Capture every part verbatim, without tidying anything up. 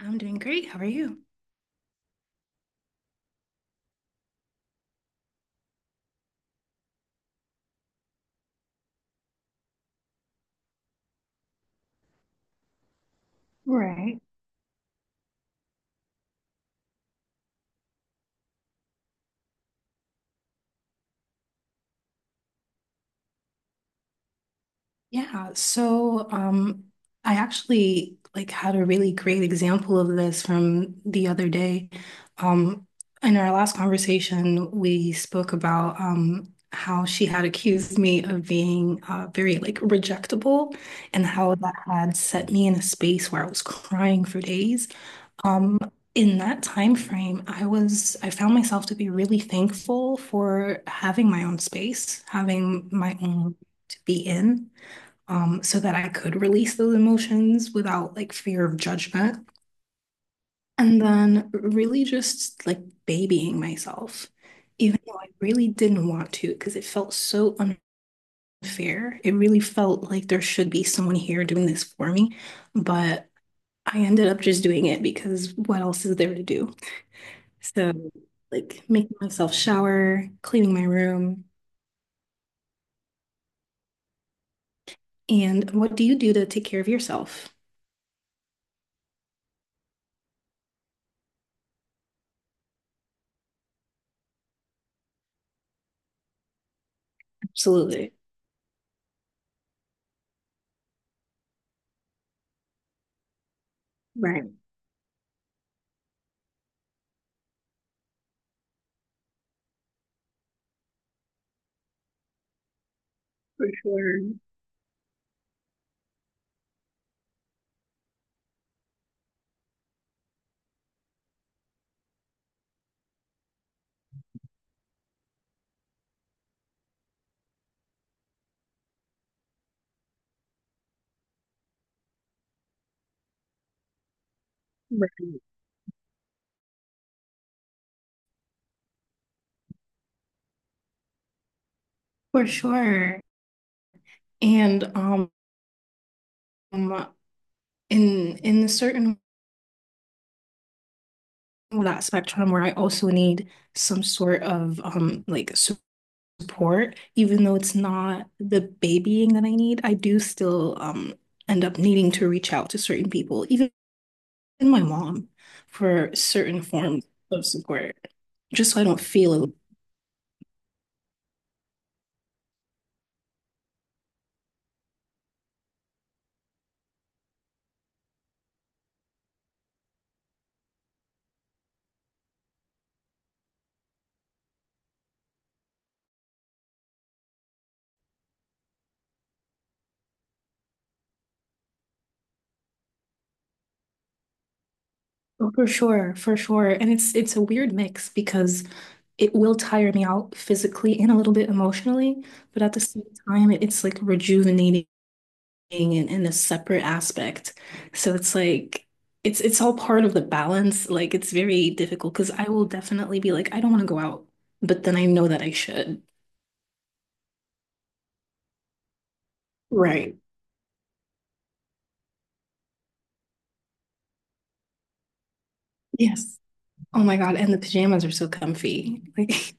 I'm doing great. How are you? Right. Yeah, so um I actually like had a really great example of this from the other day. Um in our last conversation, we spoke about um how she had accused me of being uh, very like rejectable, and how that had set me in a space where I was crying for days. Um, in that time frame, I was I found myself to be really thankful for having my own space, having my own to be in, um, so that I could release those emotions without like fear of judgment. And then really just like babying myself, even though I really didn't want to, because it felt so unfair. It really felt like there should be someone here doing this for me, but I ended up just doing it because what else is there to do? So, like making myself shower, cleaning my room. And what do you do to take care of yourself? Absolutely. Right. For sure. Right. For sure. And um in in a certain that spectrum where I also need some sort of um like support, even though it's not the babying that I need, I do still um end up needing to reach out to certain people, even and my mom for certain forms of support, just so I don't feel alone. Oh, for sure, for sure. And it's it's a weird mix because it will tire me out physically and a little bit emotionally, but at the same time, it, it's like rejuvenating in, in a separate aspect. So it's like it's it's all part of the balance. Like it's very difficult because I will definitely be like, I don't want to go out, but then I know that I should. Right. Yes. Oh my God. And the pajamas are so comfy. Like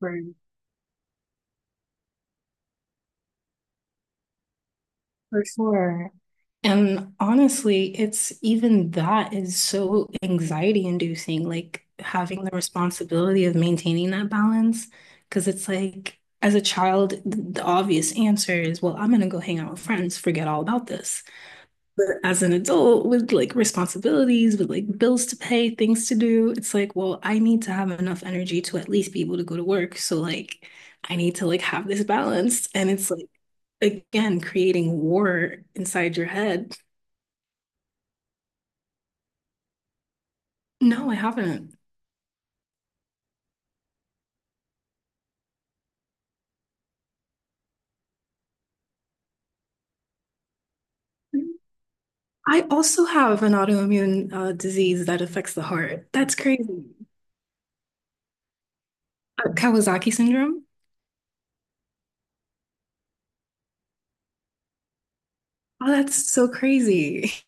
Right. For sure. And honestly, it's even that is so anxiety inducing, like having the responsibility of maintaining that balance. Because it's like, as a child, th- the obvious answer is, well, I'm going to go hang out with friends, forget all about this. But as an adult with like responsibilities, with like bills to pay, things to do, it's like, well, I need to have enough energy to at least be able to go to work. So, like, I need to like have this balance. And it's like, again, creating war inside your head. No, I haven't. I also have an autoimmune uh, disease that affects the heart. That's crazy. Uh, Kawasaki syndrome? Oh, that's so crazy.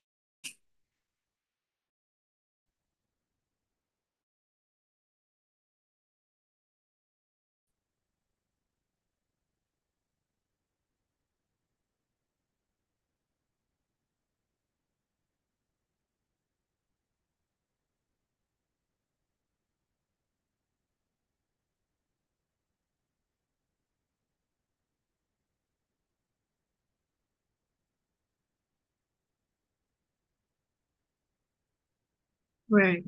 Right,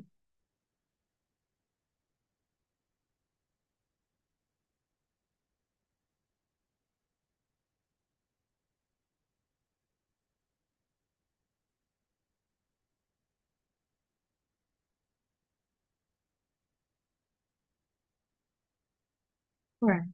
right,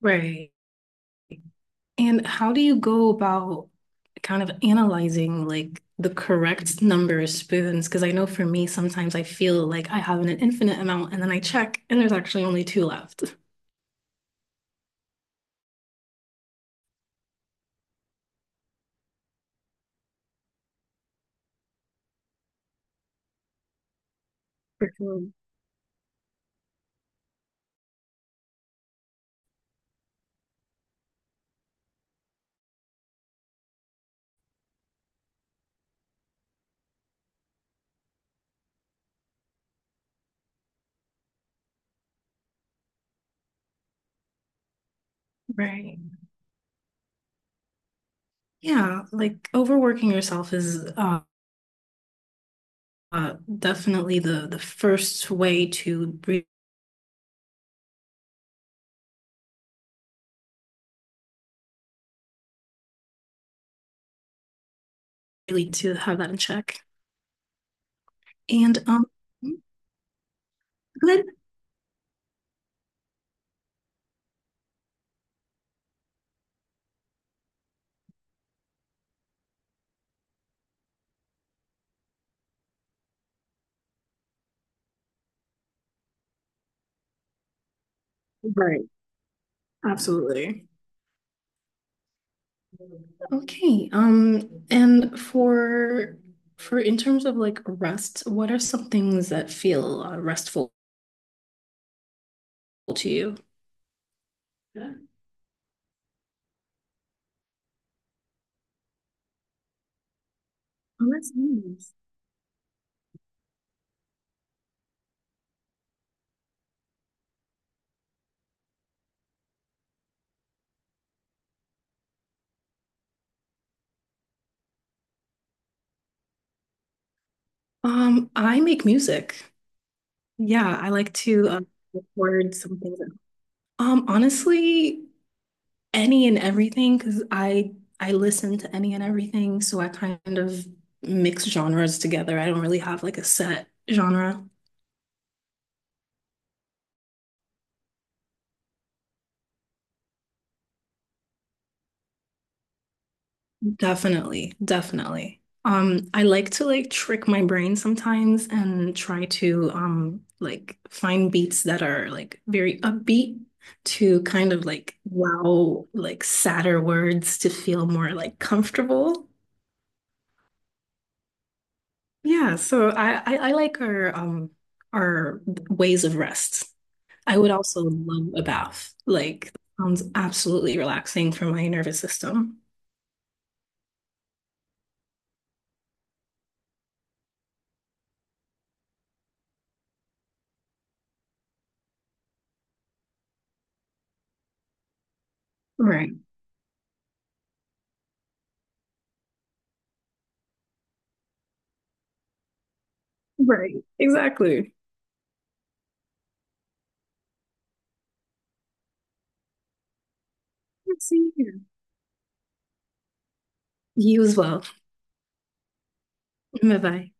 right. And how do you go about kind of analyzing like the correct number of spoons? Because I know for me, sometimes I feel like I have an infinite amount and then I check and there's actually only two left. For sure. Right. Yeah, like overworking yourself is uh uh, definitely the the first way to really to have that in check. And um, good. Right. Absolutely. Okay. Um, and for for in terms of like rest, what are some things that feel uh, restful to you? Yeah. Oh, that's nice. Um, I make music. Yeah, I like to uh, record some things. Um, honestly, any and everything because I I listen to any and everything, so I kind of mix genres together. I don't really have like a set genre. Definitely, definitely. Um, I like to like trick my brain sometimes and try to um like find beats that are like very upbeat to kind of like wow like sadder words to feel more like comfortable. Yeah, so I I, I like our um our ways of rest. I would also love a bath. Like, sounds absolutely relaxing for my nervous system. Right. Right. Exactly. See you. You as well. Bye bye.